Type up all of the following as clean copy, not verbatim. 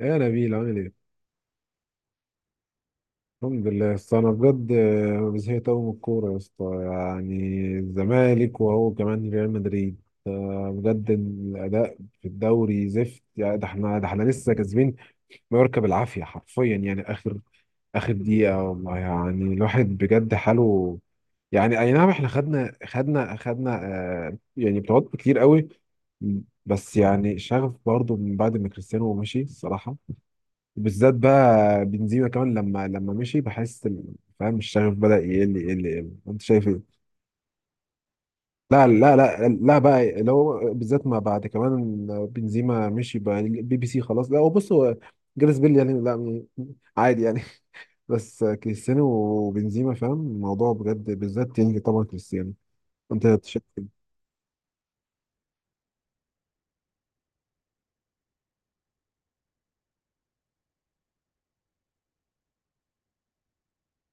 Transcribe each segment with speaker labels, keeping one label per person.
Speaker 1: يا نبيل، عامل ايه؟ الحمد لله، بس انا بجد زهقت قوي من الكوره يا اسطى. يعني الزمالك، وهو كمان ريال مدريد. بجد الاداء في الدوري زفت. يعني ده احنا لسه كاسبين مايوركا بالعافيه، حرفيا يعني اخر دقيقه، والله يعني الواحد بجد حاله. يعني اي نعم، احنا خدنا خدنا خدنا، آه يعني بطولات كتير قوي. بس يعني شغف برضو من بعد ما كريستيانو مشي، الصراحه بالذات بقى بنزيما كمان لما مشي، بحس فاهم، الشغف بدأ يقل يقل يقل. انت شايف ايه؟ لا لا لا لا بقى لو بالذات، ما بعد كمان بنزيما مشي بقى، البي بي سي خلاص. لا هو بص، هو جاريث بيل يعني لا، عادي يعني. بس كريستيانو وبنزيما، فاهم الموضوع بجد، بالذات يعني طبعا كريستيانو. انت شايف إيه؟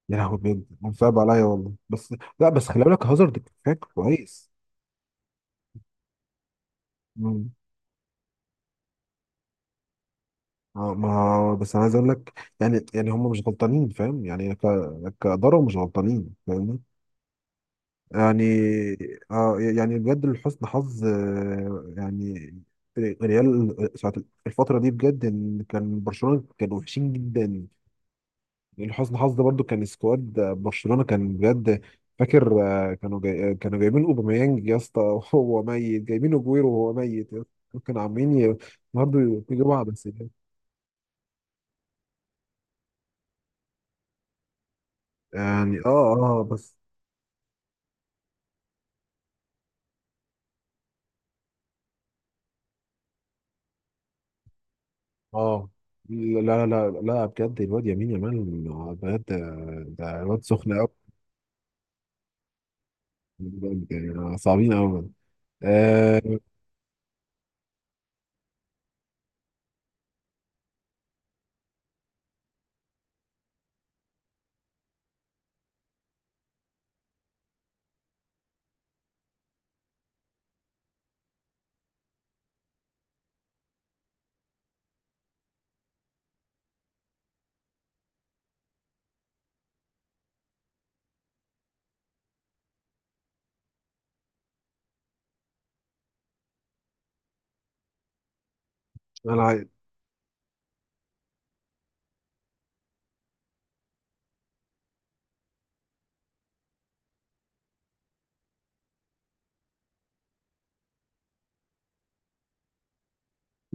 Speaker 1: يا لهوي بجد، صعب عليا والله. بس لا، بس خلي بالك هازارد كفاك كويس. ما بس انا عايز اقول لك، يعني هم مش غلطانين، فاهم يعني، كاداره مش غلطانين فاهمني. يعني آه يعني بجد لحسن حظ آه يعني ريال ساعة الفتره دي بجد، ان كان برشلونه كانوا وحشين جدا. يعني لحسن حظ برضو كان سكواد برشلونه كان بجد. فاكر آه، كانوا جاي، كانوا جايبين اوباميانج يا اسطى وهو ميت، جايبين اجويرو وهو ميت. كانوا عاملين برضو يجيبوا عبثيات. يعني اه بس اه. لا لا لا لا بجد، الواد يمين يامال بجد، ده الواد سخن قوي، بجد يعني صعبين قوي. آه، انا عايز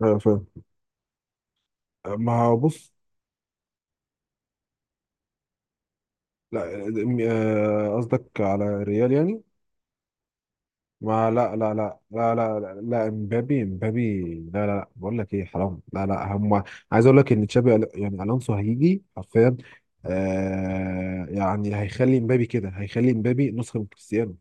Speaker 1: فاهم. ما هو بص، لا. قصدك على ريال يعني. ما لا لا لا لا، لا لا لا امبابي امبابي. لا لا لا، بقول لك ايه، حرام لا لا. هم عايز اقول لك ان تشابي يعني الونسو هيجي حرفيا، آه يعني هيخلي امبابي كده، هيخلي امبابي نسخه من كريستيانو،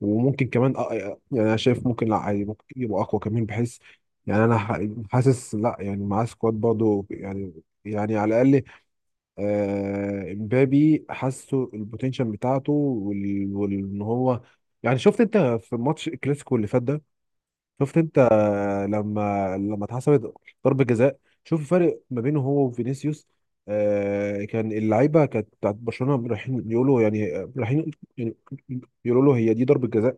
Speaker 1: وممكن كمان يعني انا شايف ممكن، لا عادي ممكن يبقى اقوى كمان بحيث يعني انا حاسس، لا يعني معاه سكواد برضه يعني، يعني على الاقل. امبابي حاسه البوتنشال بتاعته، ان هو يعني، شفت انت في ماتش الكلاسيكو اللي فات ده، شفت انت لما اتحسبت ضربة جزاء. شوف الفرق ما بينه هو وفينيسيوس. كان اللعيبه كانت بتاعت برشلونه رايحين يقولوا، يعني رايحين يعني يقولوا له هي دي ضربة جزاء.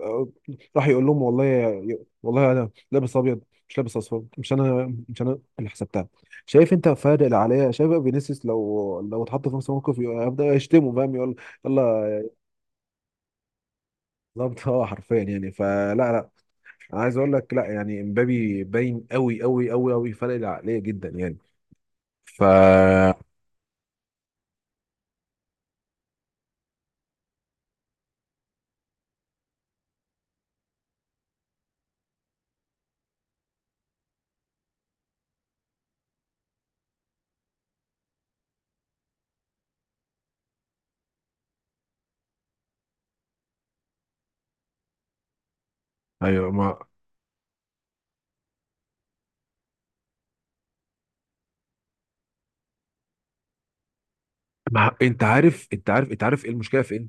Speaker 1: آه، راح يقول لهم والله والله انا لابس ابيض، مش لابس اصفر، مش انا مش انا اللي حسبتها. شايف انت فارق اللي عليا؟ شايف بقى فينيسيوس لو اتحط في نفس الموقف هيبدا يشتمه، فاهم، يقول يلا. بالظبط اه، حرفيا يعني، فلا لا، انا عايز اقول لك لا، يعني امبابي باين قوي قوي قوي قوي، فارق اللي عليا جدا يعني، ف ايوه. ما ما انت عارف انت عارف انت عارف ايه المشكله في إيه؟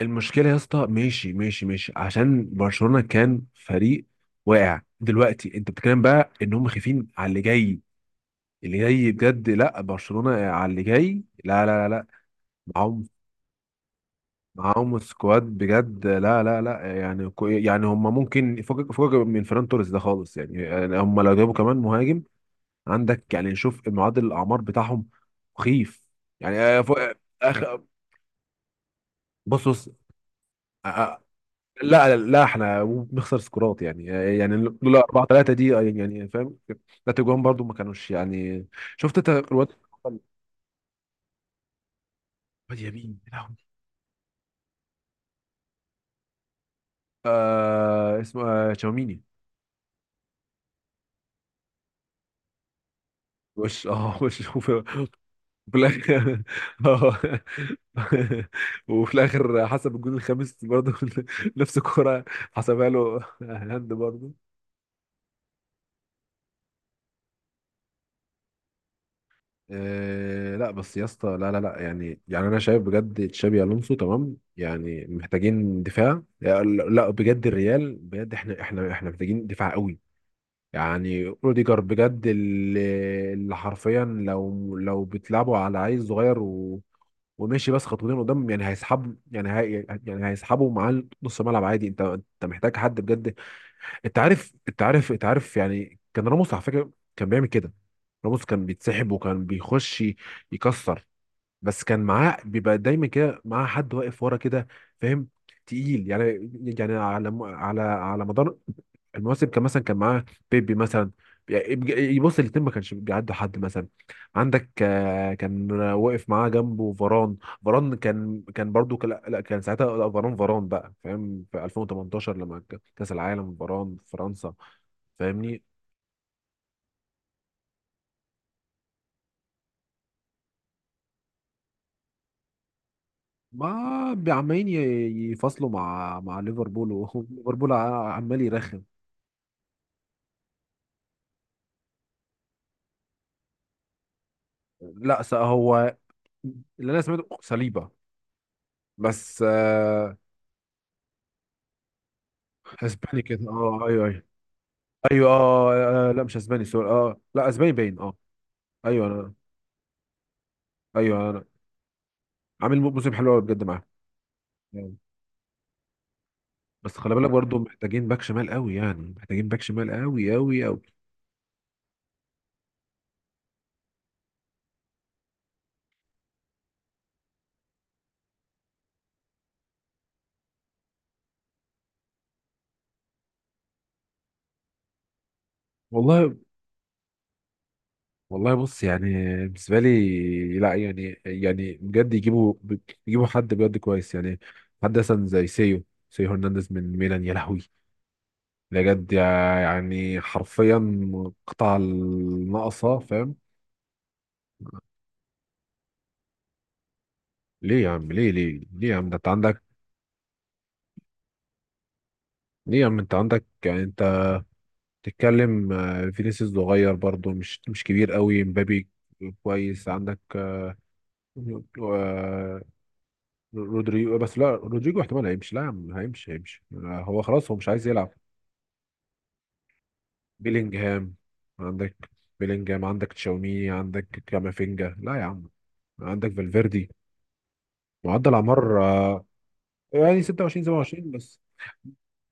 Speaker 1: المشكله يا اسطى، ماشي ماشي ماشي عشان برشلونه كان فريق واقع. دلوقتي انت بتتكلم بقى ان هم خايفين على اللي جاي، اللي جاي بجد، لا برشلونه على اللي جاي لا لا لا لا، معاهم، معاهم سكواد بجد، لا لا لا. يعني يعني هم ممكن فوق فوق من فران توريس ده خالص. يعني هم لو جابوا كمان مهاجم عندك، يعني شوف معدل الاعمار بتاعهم، مخيف يعني فوق آه، آخر. بص بص، آه، آه، لا لا احنا بنخسر سكورات يعني. يعني لولا 4 3 دي يعني فاهم، لا تجوان برضو ما كانوش يعني. شفت انت الواد، واد يمين، يا لهوي. اسمه تشاوميني. وش اه وش، وفي وفي الاخر اه، وفي الاخر حسب الجون الخامس برضه، نفس الكرة حسبها له هاند برضه. إيه، لا بس يا اسطى لا لا لا، يعني انا شايف بجد تشابي الونسو تمام، يعني محتاجين دفاع. لا لا، بجد الريال بجد، احنا احنا احنا محتاجين دفاع قوي. يعني روديجر بجد، اللي حرفيا، لو بتلعبوا على عيل صغير و وماشي بس خطوتين قدام، يعني هيسحب، يعني هي يعني هيسحبوا معاه نص ملعب عادي. انت محتاج حد بجد. انت عارف انت عارف انت عارف، يعني كان راموس على فكره كان بيعمل كده. راموس كان بيتسحب وكان بيخش يكسر، بس كان معاه، بيبقى دايما كده معاه حد واقف ورا كده، فاهم، تقيل يعني. يعني على على مدار المواسم، كان مثلا كان معاه بيبي مثلا، يعني يبص الاتنين ما كانش بيعدوا حد، مثلا عندك كان واقف معاه جنبه فاران. فاران كان برضو كان، لا لا، كان ساعتها لا، فاران فاران بقى فاهم في 2018 لما كأس العالم فاران في فرنسا، فاهمني. ما عمالين يفصلوا مع ليفربول، وليفربول عمال يرخم. لا هو اللي انا سمعته صليبه، بس آه. اسباني كده، اه ايوه ايوه، ايوه اه لا مش اسباني، سوري، اه لا اسباني باين، اه. ايوه انا، ايوه انا. عامل موسم حلو قوي بجد معاه يعني. بس خلي بالك برضه محتاجين باك شمال قوي، يعني محتاجين باك شمال قوي قوي قوي. والله والله بص، يعني بالنسبه لي، لا يعني بجد يجيبوا، يجيبوا حد بجد كويس يعني، حد مثلا زي سيو، سيو هرنانديز من ميلان، يا لهوي بجد. يعني حرفيا قطع الناقصة، فاهم. ليه يا عم؟ ليه ليه ليه يا عم، ده انت عندك. ليه يا عم، انت عندك، يعني انت بتتكلم فينيسيوس صغير برضه، مش كبير قوي، مبابي كويس، عندك رودريجو. بس لا، رودريجو احتمال هيمشي. لا يا عم، هيمشي هيمشي هو خلاص هو مش عايز يلعب. بيلينجهام عندك، بيلينجهام عندك، تشاوميني عندك، كامافينجا. لا يا عم، عندك فالفيردي. معدل اعمار يعني 26 27 بس،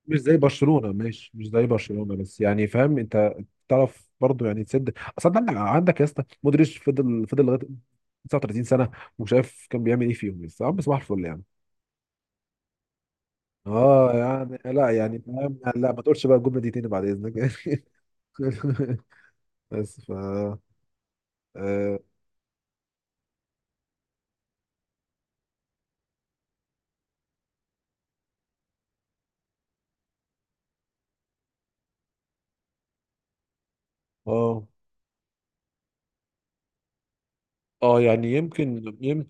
Speaker 1: مش زي برشلونة، ماشي مش زي برشلونة. بس يعني فاهم انت، تعرف برضو يعني تسد. اصل انت عندك يا اسطى مودريتش فضل لغاية 39 سنة، وشايف كان بيعمل ايه فيهم لسه يا عم، صباح الفل يعني. اه يعني، لا يعني فاهم، لا ما تقولش بقى الجملة دي تاني بعد اذنك. بس ف اه، اه يعني يمكن.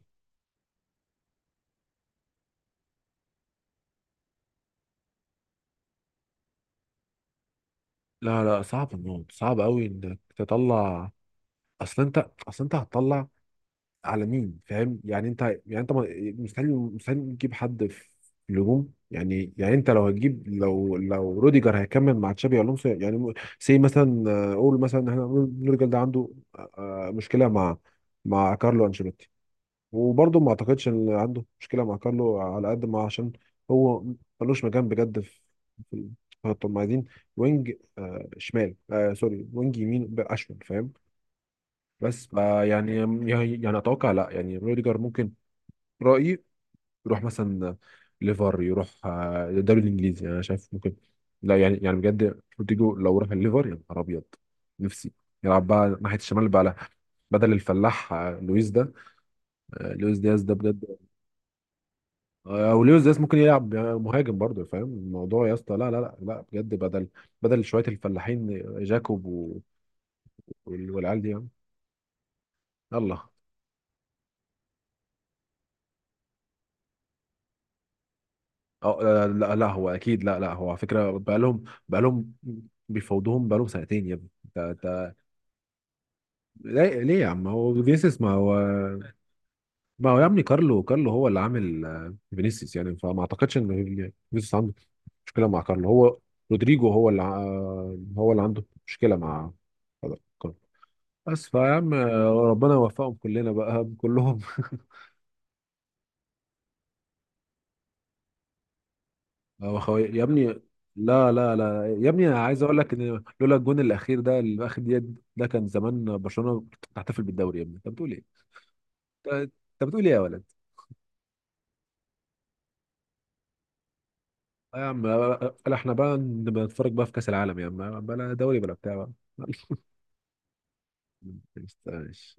Speaker 1: لا لا صعب الموت، صعب قوي انك تطلع. اصل انت هتطلع على مين؟ فاهم يعني، انت مستحيل مستحيل تجيب حد في الهجوم. يعني انت لو هتجيب، لو روديجر هيكمل مع تشابي الونسو، يعني سي مثلا. قول مثلا احنا نقول روديجر ده عنده آه، مشكله مع، مع كارلو انشيلوتي. وبرضه ما اعتقدش ان عنده مشكله مع كارلو، على قد ما عشان هو ملوش مكان بجد في، في الخط. هم عايزين وينج شمال، آه سوري، وينج يمين اشمل، فاهم. بس فا يعني، يعني اتوقع لا يعني روديجر ممكن، رأيي، يروح مثلا ليفر، يروح الدوري الانجليزي، انا شايف ممكن. لا يعني بجد روديجو لو راح الليفر، يا نهار ابيض، نفسي يلعب بقى ناحية الشمال بقى، لا. بدل الفلاح لويس ده، لويس دياز ده بجد، او لويس دياز ممكن يلعب يعني مهاجم برضه، فاهم الموضوع يا اسطى. لا لا لا لا بجد، بدل، بدل شوية الفلاحين جاكوب والعيال دي يعني، يلا. اه لا، لا لا هو اكيد، لا لا هو على فكره بقالهم، بقالهم بيفاوضوهم بقالهم سنتين يا ابني، انت. ليه ليه يا عم، هو فينيسيوس؟ ما هو، ما هو يا ابني، كارلو كارلو هو اللي عامل فينيسيوس يعني، فما اعتقدش ان فينيسيوس عنده مشكله مع كارلو، هو رودريجو هو اللي هو اللي عنده مشكله مع كارلو. بس فيا عم ربنا يوفقهم كلنا بقى كلهم. يا ابني، لا لا لا يا ابني انا عايز اقول لك ان لولا الجون الاخير ده اللي في اخر دقيقه، ده كان زمان برشلونه تحتفل بالدوري، يا ابني انت بتقول ايه. انت أنت بتقول ايه يا ولد؟ آه يا عم، بلا، احنا بقى نبقى نتفرج بقى في كاس العالم يا عم، بلا دوري بلا بتاع بقى. معلش، ما يستاهلش.